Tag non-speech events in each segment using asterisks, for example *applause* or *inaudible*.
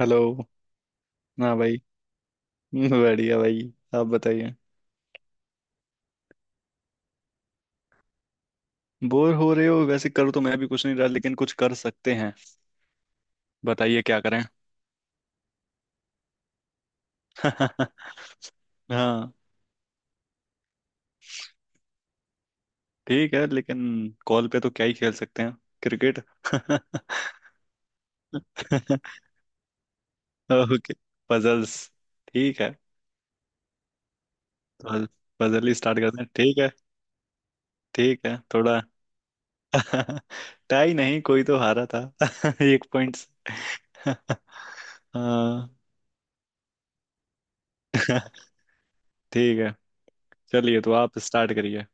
Hello. हाँ भाई। *laughs* बढ़िया भाई। आप बताइए। बोर हो रहे हो? वैसे कर तो मैं भी कुछ नहीं रहा लेकिन कुछ कर सकते हैं। बताइए क्या करें। *laughs* हाँ ठीक है लेकिन कॉल पे तो क्या ही खेल सकते हैं। क्रिकेट। *laughs* ओके। पजल्स। ठीक है तो पजल ही स्टार्ट करते हैं। ठीक है थोड़ा। *laughs* टाई नहीं, कोई तो हारा था *laughs* एक पॉइंट से। *laughs* हाँ ठीक है। चलिए तो आप स्टार्ट करिए।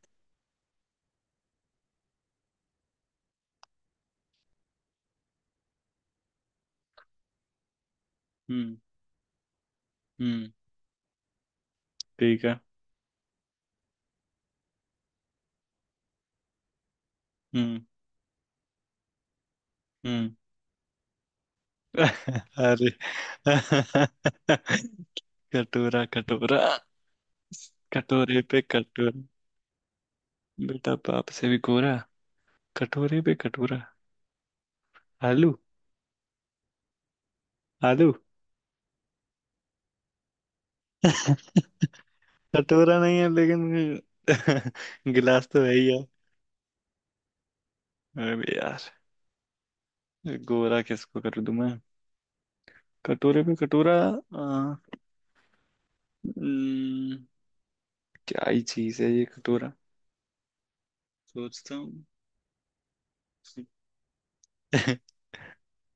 हम्म। हम्म ठीक है। हम्म। हम्म। *laughs* अरे। *laughs* कटोरा कटोरा। कटोरे पे कटोरा बेटा बाप से भी गोरा। कटोरे पे कटोरा। आलू। आलू। *laughs* कटोरा नहीं है लेकिन। *laughs* गिलास तो है ही है। अरे यार, गोरा किसको कर दूं मैं? कटोरे पे कटोरा हम्म, क्या ही चीज है ये कटोरा? सोचता हूँ। *laughs*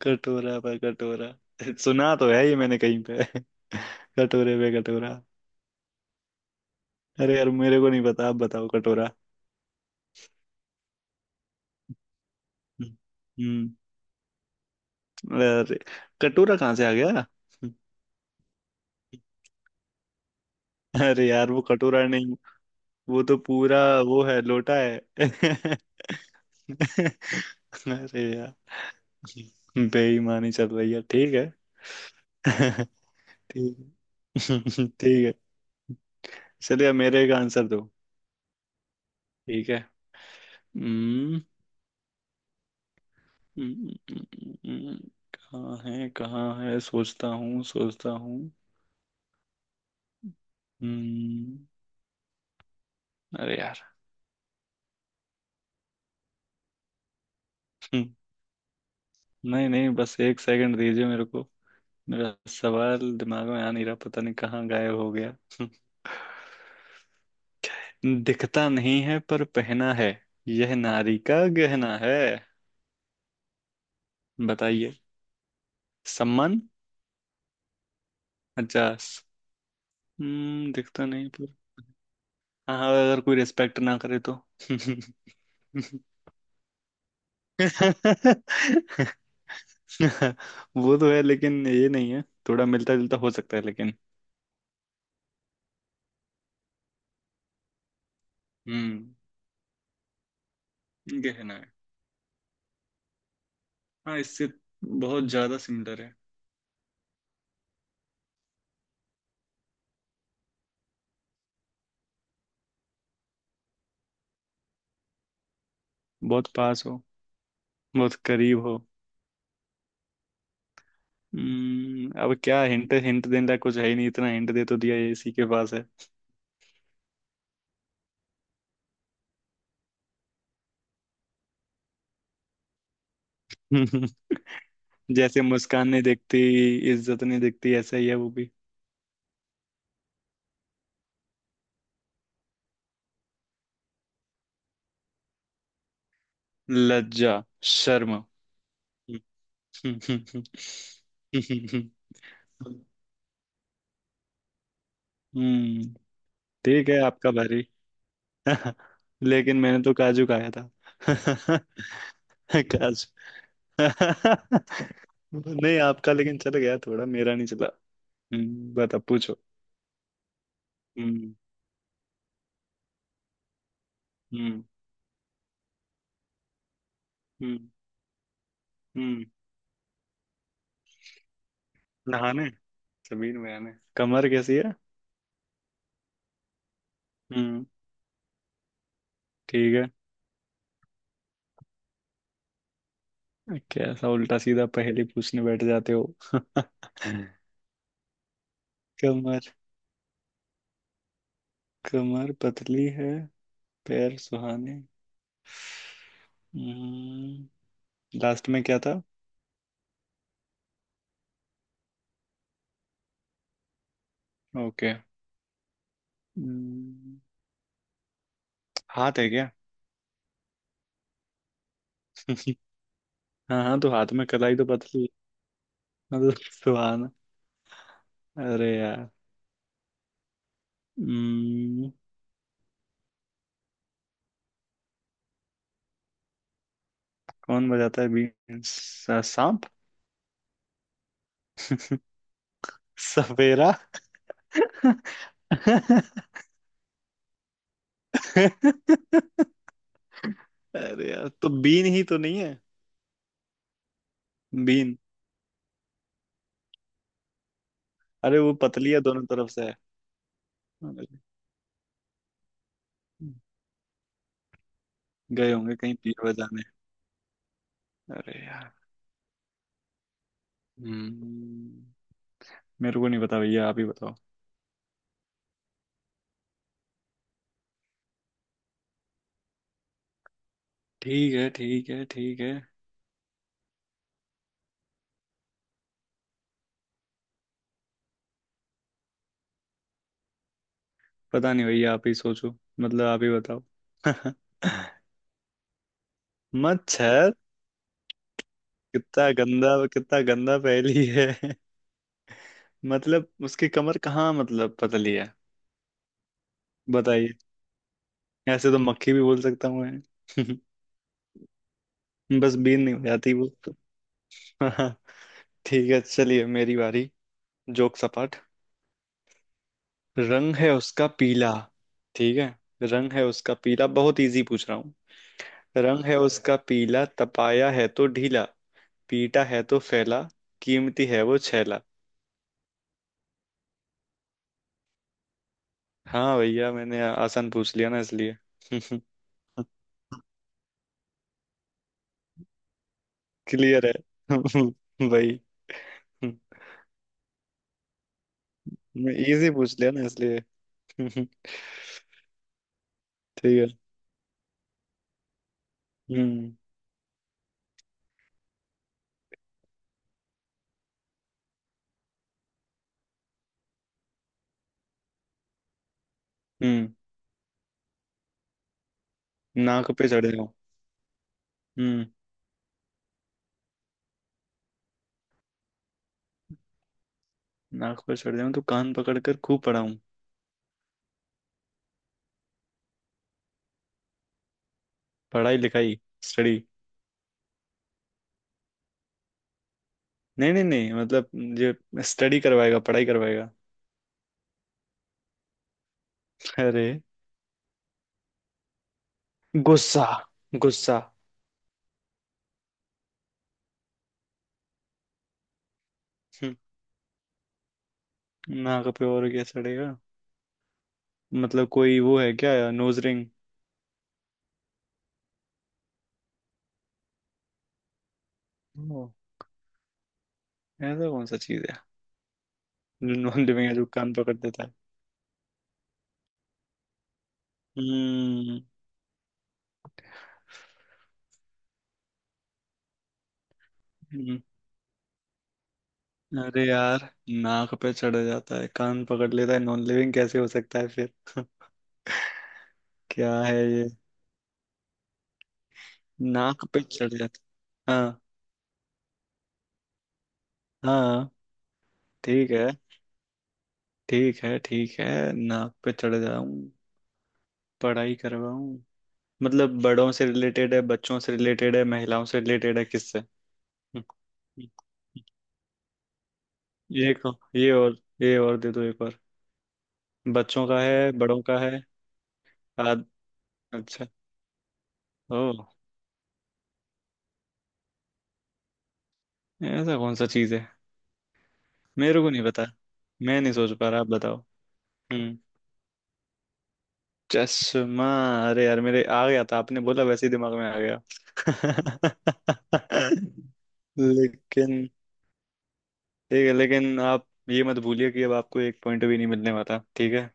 कटोरा पर कटोरा। सुना तो है ये मैंने कहीं पे। *laughs* कटोरे पे कटोरा। अरे यार, मेरे को नहीं पता, आप बताओ कटोरा। हम्म। हम्म। अरे, कटोरा कहाँ से आ गया? *laughs* अरे यार वो कटोरा नहीं। वो तो पूरा, वो है लोटा है। *laughs* अरे यार, बेईमानी चल रही है। ठीक है। *laughs* ठीक है। *laughs* ठीक है चलिए, अब मेरे का आंसर दो। ठीक है। हम्म। हम्म, हम्म, हम्म, हम्म, हम्म। कहाँ है सोचता हूँ सोचता हूँ। हम्म। अरे यार। हम्म। नहीं नहीं बस एक सेकंड दीजिए मेरे को। मेरा सवाल दिमाग में आ नहीं रहा, पता नहीं कहाँ गायब हो गया। *laughs* दिखता नहीं है पर पहना है। यह नारी का गहना है। बताइए। सम्मान। अच्छा दिखता नहीं पर। हाँ अगर कोई रिस्पेक्ट ना करे तो। *laughs* *laughs* वो तो है लेकिन ये नहीं है। थोड़ा मिलता जुलता हो सकता है लेकिन। हम्म गहना है। हाँ इससे बहुत ज्यादा सिमिलर है। बहुत पास हो, बहुत करीब हो। अब क्या हिंट हिंट देने लायक कुछ है ही नहीं, इतना हिंट दे तो दिया, ये इसी के पास है। *laughs* जैसे मुस्कान नहीं दिखती, इज्जत नहीं दिखती, ऐसा ही है वो भी। लज्जा। शर्म। *laughs* हम्म ठीक है आपका बारी। *laughs* लेकिन मैंने तो काजू खाया था। *laughs* काजू। *laughs* नहीं आपका लेकिन चल गया, थोड़ा मेरा नहीं चला। बता पूछो। हम्म। हम्म। हम्म। हम्म। नहाने, जमीन में आने, कमर कैसी है? हम्म। ठीक है। कैसा उल्टा सीधा पहेली पूछने बैठ जाते हो। *laughs* कमर। कमर पतली है, पैर सुहाने। हम्म। लास्ट में क्या था? ओके। हम्म, हाथ है क्या? *laughs* हाँ हाँ तो हाथ में कलाई तो पतली। मतलब सुहाना। अरे यार। हम्म, कौन बजाता है बीन? सांप। सफेरा। *laughs* अरे यार तो बीन ही तो नहीं है। बीन। अरे वो पतली है दोनों तरफ से है। अरे, गए होंगे कहीं पीर बजाने। अरे यार। हम्म। मेरे को नहीं पता भैया, आप ही बताओ। ठीक है ठीक है ठीक है। पता नहीं भैया, आप ही सोचो, मतलब आप ही बताओ। *laughs* मच्छर? कितना गंदा पहेली है। *laughs* मतलब उसकी कमर कहाँ मतलब पतली है? बताइए। ऐसे तो मक्खी भी बोल सकता हूँ मैं। *laughs* बस बीन नहीं हो जाती वो। *laughs* हाँ ठीक है। चलिए मेरी बारी। जोक सपाट। रंग है उसका पीला। ठीक है। रंग है उसका पीला, बहुत इजी पूछ रहा हूँ। रंग है उसका पीला, तपाया है तो ढीला, पीटा है तो फैला, कीमती है वो छैला। हाँ भैया मैंने आसान पूछ लिया ना इसलिए। *laughs* क्लियर है। *laughs* भाई। हम्म, मैं इजी पूछ लिया ना इसलिए। हम्म, ठीक है। हम्म। हम्म नाक पे चढ़े हूँ। हम्म। नाक पे चढ़े हूँ तो कान पकड़ कर खूब पढ़ा हूँ। पढ़ाई लिखाई स्टडी। नहीं नहीं नहीं मतलब ये स्टडी करवाएगा, पढ़ाई करवाएगा। अरे गुस्सा। गुस्सा। हम्म, नाक पे और क्या चढ़ेगा? मतलब कोई वो है क्या, नोज रिंग? ओ, ऐसा कौन सा चीज है जो नॉन लिविंग है जो कान पकड़ देता है? हम्म। अरे यार। नाक पे चढ़ जाता है कान पकड़ लेता है, नॉन लिविंग कैसे हो सकता है फिर? *laughs* क्या है ये? नाक पे चढ़ जाता, हाँ। हाँ। ठीक है ठीक है ठीक है। नाक पे चढ़ जाऊं, पढ़ाई करवाऊं। मतलब बड़ों से रिलेटेड है, बच्चों से रिलेटेड है, महिलाओं से रिलेटेड है, किससे? *laughs* हम्म, हम्म, ये को ये और ये और दे दो एक और। बच्चों का है बड़ों का है? आद अच्छा। ओ, ऐसा कौन सा चीज है? मेरे को नहीं पता, मैं नहीं सोच पा रहा, आप बताओ। हम्म। चश्मा। अरे यार मेरे आ गया था, आपने बोला वैसे ही दिमाग में आ गया। *laughs* लेकिन ठीक है, लेकिन आप ये मत भूलिए कि अब आपको एक पॉइंट भी नहीं मिलने वाला, ठीक है।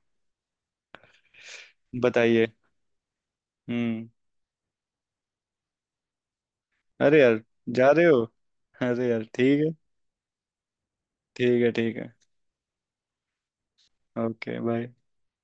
बताइए। हम्म। अरे यार, जा रहे हो? अरे यार ठीक है। ठीक है ठीक है। Okay bye.